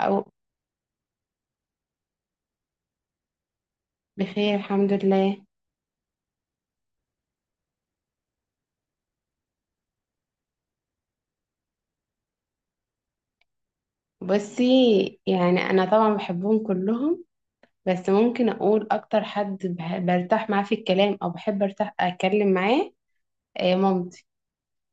أو بخير الحمد لله. بصي، يعني أنا طبعا بحبهم كلهم، بس ممكن أقول أكتر حد برتاح معاه في الكلام، أو بحب أرتاح أتكلم معاه. مامتي.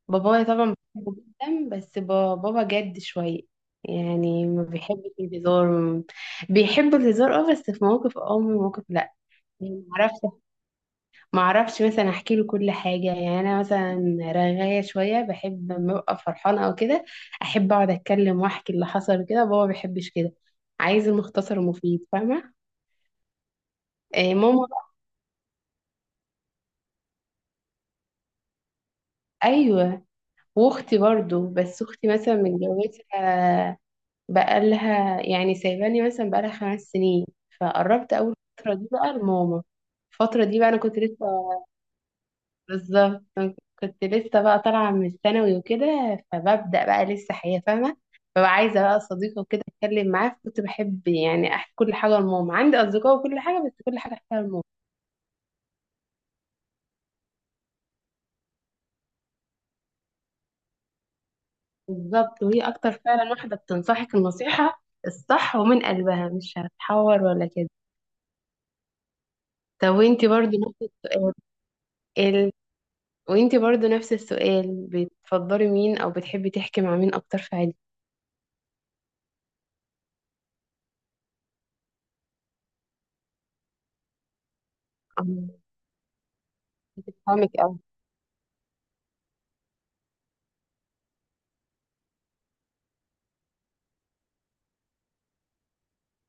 بابايا طبعا بحبه جدا، بس بابا جد شوية. يعني ما بيحبش الهزار بيحب الهزار، اه، بس في مواقف اه ومواقف لأ. يعني معرفش، ما اعرفش مثلا احكي له كل حاجه. يعني انا مثلا رغايه شويه، بحب لما ببقى فرحانه او كده احب اقعد اتكلم واحكي اللي حصل كده. بابا ما بيحبش كده، عايز المختصر المفيد، فاهمه. ماما. ايوه، واختي برضو، بس اختي مثلا متجوزه، بقالها يعني سايباني مثلا بقالها 5 سنين. فقربت اول فتره دي بقى لماما. الفتره دي بقى انا كنت لسه. بالظبط، كنت لسه بقى طالعة من الثانوي وكده، فببدأ بقى لسه حياة فاهمة، فبقى عايزة بقى صديقة وكده أتكلم معاه. كنت بحب يعني أحكي كل حاجة لماما، عندي أصدقاء وكل حاجة، بس كل حاجة أحكيها لماما. بالظبط، وهي أكتر فعلا واحدة بتنصحك النصيحة الصح ومن قلبها، مش هتحور ولا كده. طب وانتي برضو نفس السؤال؟ ال... وانتي برضو نفس السؤال، بتفضلي مين أو بتحبي تحكي مع مين أكتر في عيلتك؟ أم- بتفهمك أوي.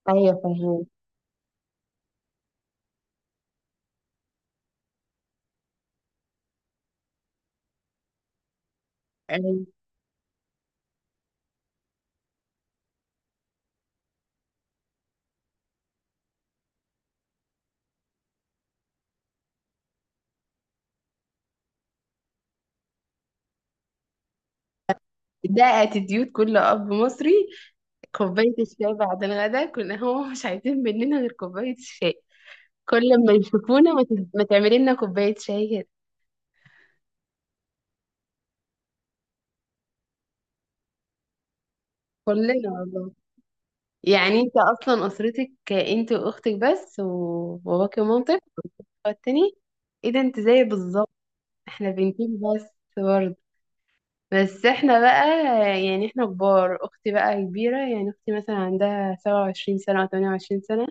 أيوة، فاهمة، ده اتيتيود كل اب مصري. كوباية الشاي بعد الغداء كنا هو مش عايزين مننا غير كوباية الشاي. كل ما يشوفونا ما تعملي لنا كوباية شاي كده. كلنا والله. يعني انت اصلا اسرتك انت واختك بس، وباباك ومامتك والتاني. ايه ده، انت زي بالظبط. احنا بنتين بس برضه، بس احنا بقى يعني احنا كبار. اختي بقى كبيرة، يعني اختي مثلا عندها 27 سنة او 28 سنة،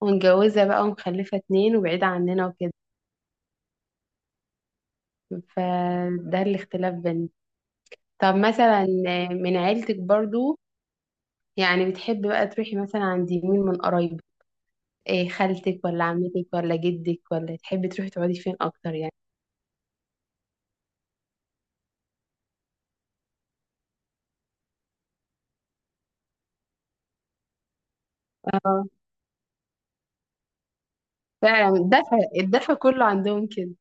ومتجوزة بقى ومخلفة اتنين وبعيدة عننا وكده. فده الاختلاف بيننا. طب مثلا، من عيلتك برضو، يعني بتحبي بقى تروحي مثلا عند مين من قرايبك؟ إيه، خالتك ولا عمتك ولا جدك، ولا تحبي تروحي تقعدي فين اكتر يعني؟ اه، فعلا الدفع كله عندهم كده.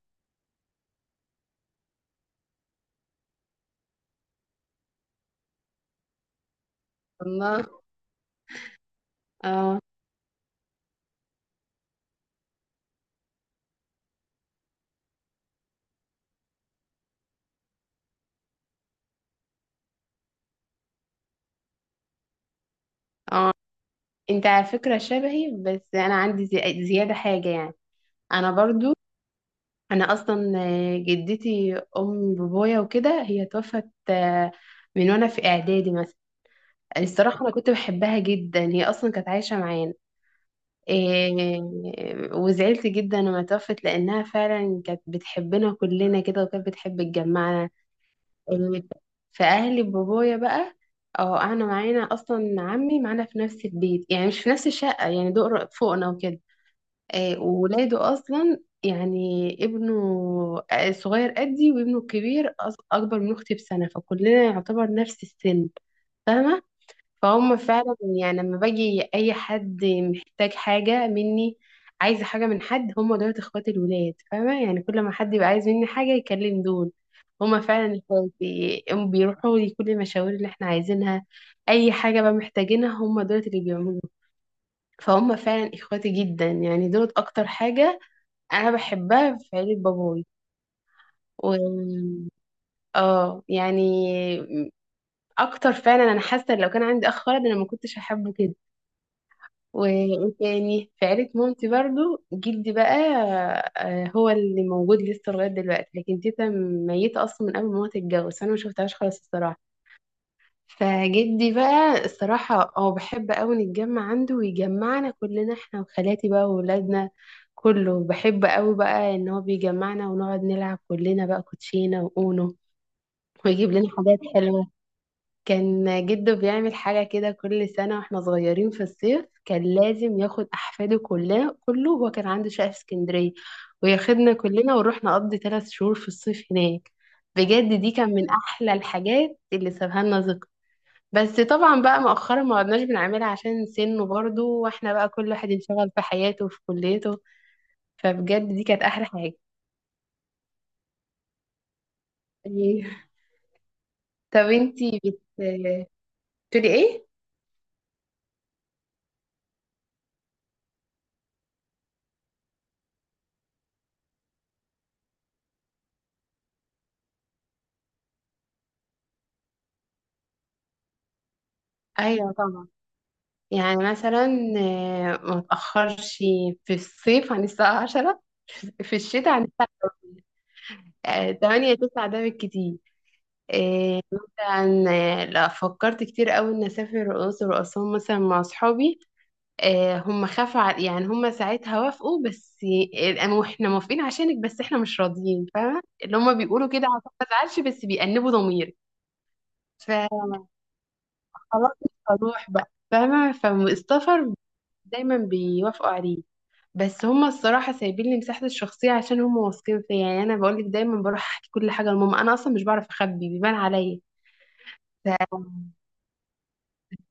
الله. اه. اه، انت على فكرة شبهي، بس انا عندي زيادة حاجة يعني. انا برضو، انا اصلا جدتي ام بابايا وكده هي توفت، من وانا في اعدادي مثلا. الصراحة أنا كنت بحبها جدا، هي أصلا كانت عايشة معانا. إيه. وزعلت جدا لما توفت، لأنها فعلا كانت بتحبنا كلنا كده، وكانت بتحب تجمعنا. إيه، فأهلي بابايا بقى، اه قعدنا معانا أصلا، عمي معانا في نفس البيت، يعني مش في نفس الشقة يعني دور فوقنا وكده. إيه، وولاده أصلا يعني ابنه صغير قدي، وابنه الكبير أكبر من أختي بسنة، فكلنا يعتبر نفس السن، فاهمة. فهم فعلا يعني، لما باجي اي حد محتاج حاجه مني، عايزه حاجه من حد، هم دول اخوات الولاد، فاهمه، يعني كل ما حد يبقى عايز مني حاجه يكلم دول. هم فعلا اخواتي، هم بيروحوا لي كل المشاوير اللي احنا عايزينها، اي حاجه بقى محتاجينها هم دول اللي بيعملوها. فهم فعلا اخواتي جدا، يعني دول اكتر حاجه انا بحبها في عيله باباي. و... اه يعني اكتر فعلا، انا حاسه إن لو كان عندي اخ ولد انا ما كنتش هحبه كده. وتاني في عيلة مامتي برضو، جدي بقى هو اللي موجود لسه لغاية دلوقتي، لكن تيتا ميتة أصلا من قبل ما هو تتجوز، فأنا ما شفتهاش خالص الصراحة. فجدي بقى الصراحة هو بحب أوي نتجمع عنده، ويجمعنا كلنا احنا وخالاتي بقى وولادنا. كله بحب أوي بقى إن هو بيجمعنا، ونقعد نلعب كلنا بقى كوتشينة وأونو، ويجيب لنا حاجات حلوة. كان جده بيعمل حاجة كده كل سنة واحنا صغيرين في الصيف، كان لازم ياخد أحفاده كلها كله. هو كان عنده شقة في اسكندرية، وياخدنا كلنا ونروح نقضي 3 شهور في الصيف هناك. بجد، دي كان من أحلى الحاجات اللي سابها لنا ذكر. بس طبعا بقى مؤخرا ما عدناش بنعملها، عشان سنه برضه واحنا بقى كل واحد انشغل في حياته وفي كليته. فبجد دي كانت أحلى حاجة. إيه. طب انتي بتقولي ايه؟ ايوه طبعا، يعني مثلا ما تأخرش في الصيف عن الساعة 10. في الشتاء عن الساعة 8 9، ده بالكتير. آه، مثلا آه، لا، فكرت كتير قوي إن أسافر الأقصر وأسوان مثلا مع أصحابي. هم خافوا يعني هم ساعتها وافقوا، بس آه، إحنا موافقين عشانك بس إحنا مش راضيين، فاهمة اللي هم بيقولوا كده عشان ما أزعلش، بس بيأنبوا ضميري. فخلاص مش هروح بقى، فاهمة. فالسفر دايما بيوافقوا عليه، بس هما الصراحة سايبين لي مساحة الشخصية عشان هما واثقين فيا، يعني أنا بقول لك دايما بروح أحكي كل حاجة لماما، أنا أصلا مش بعرف أخبي، بيبان عليا. ف-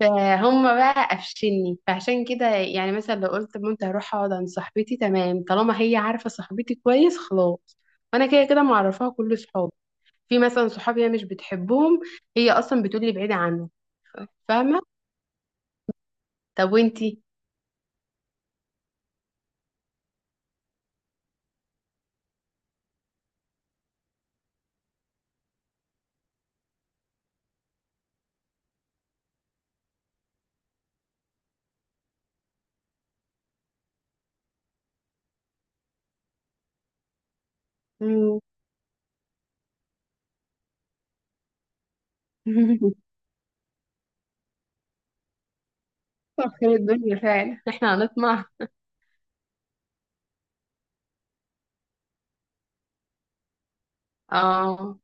فهم بقى قفشني، فعشان كده يعني مثلا لو قلت مامتي هروح أقعد عند صاحبتي تمام، طالما هي عارفة صاحبتي كويس خلاص. وأنا كده كده معرفاها كل صحابي، في مثلا صحابي هي مش بتحبهم، هي أصلا بتقولي بعيدة عنهم، فاهمة. طب وأنتي؟ مم. طب خير الدنيا فعلا، احنا هنطمع. اه،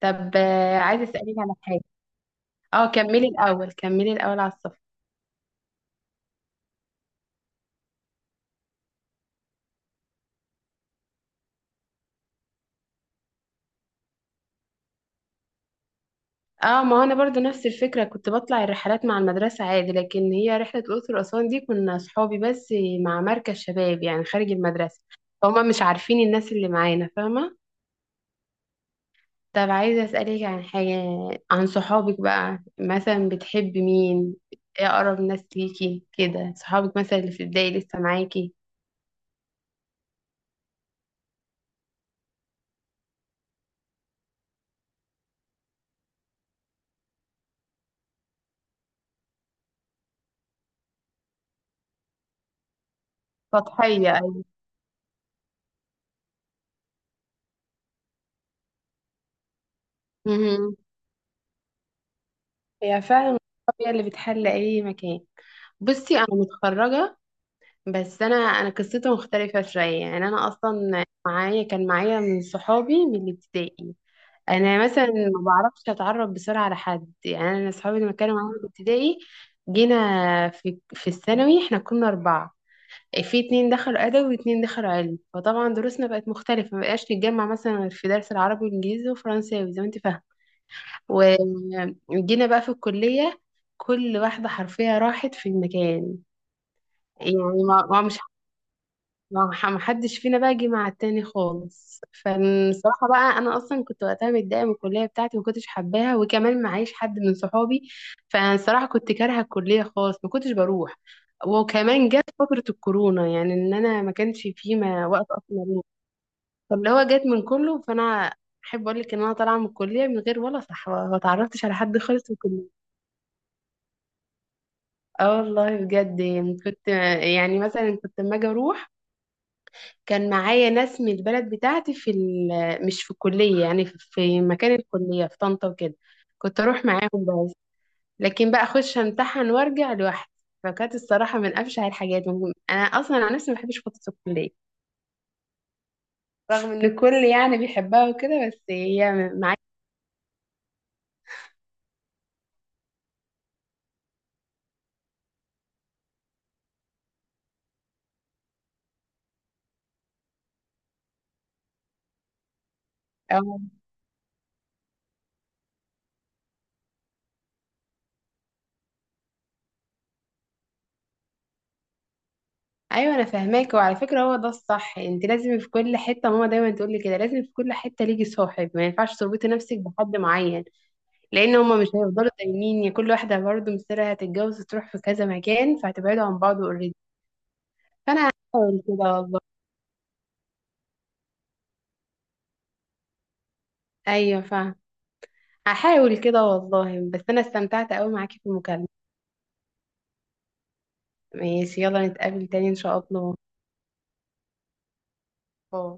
طب عايزه اسالك على حاجه. اه، كملي الاول على السفر. اه، ما هو انا برضو نفس الفكره، كنت بطلع الرحلات مع المدرسه عادي، لكن هي رحله الاقصر واسوان دي كنا صحابي بس مع مركز شباب، يعني خارج المدرسه، فهم مش عارفين الناس اللي معانا، فاهمه. طب عايزه اسالك عن حاجه، عن صحابك بقى مثلا، بتحبي مين؟ ايه اقرب ناس ليكي كده صحابك مثلا، اللي في البدايه لسه معاكي؟ سطحيه. أيوة. هي فعلا الطبيعة اللي بتحل أي مكان. بصي، أنا متخرجة، بس أنا قصتي مختلفة شوية، يعني أنا أصلا معايا كان معايا من صحابي من الابتدائي. أنا مثلا ما بعرفش أتعرف بسرعة على حد، يعني أنا صحابي اللي كانوا معايا في الابتدائي، جينا في الثانوي إحنا كنا أربعة، في اتنين دخلوا أدبي واتنين دخلوا علم، فطبعا دروسنا بقت مختلفة، مبقاش نتجمع مثلا غير في درس العربي والإنجليزي وفرنساوي زي ما أنت فاهمة. وجينا بقى في الكلية، كل واحدة حرفيا راحت في مكان. يعني ما ما- مش ما ما حدش فينا بقى جه مع التاني خالص، فالصراحة بقى أنا أصلا كنت وقتها متضايقة من الكلية بتاعتي، ما كنتش حباها وكمان معيش حد من صحابي. فالصراحة كنت كارهة الكلية خالص، ما كنتش بروح، وكمان جت فترة الكورونا، يعني إن أنا ما كانش فيه ما وقت أصلا أروح. فاللي هو جت من كله فأنا أحب أقول لك إن أنا طالعة من الكلية من غير ولا صحبة، ما تعرفتش على حد خالص في الكلية. اه والله بجد، يعني كنت، يعني مثلا كنت لما اجي اروح، كان معايا ناس من البلد بتاعتي في مش في الكلية، يعني في مكان الكلية في طنطا وكده، كنت اروح معاهم. بس لكن بقى اخش امتحن وارجع لوحدي، فكانت الصراحة من افشع الحاجات انا اصلا عن نفسي ما بحبش فترة الكلية، رغم ان الكل يعني بيحبها وكده بس هي معايا. اه، ايوه انا فاهماك، وعلى فكره هو ده الصح، انت لازم في كل حته، ماما دايما تقول لي كده لازم في كل حته ليكي صاحب، ما ينفعش تربطي نفسك بحد معين، لان هما مش هيفضلوا دايمين، يا كل واحده برضه مصيرها هتتجوز وتروح في كذا مكان فهتبعدوا عن بعض اوريدي. فانا هحاول كده والله، ايوه فاهم، هحاول كده والله. بس انا استمتعت قوي معاكي في المكالمه. ماشي، يلا نتقابل تاني ان شاء الله. باي.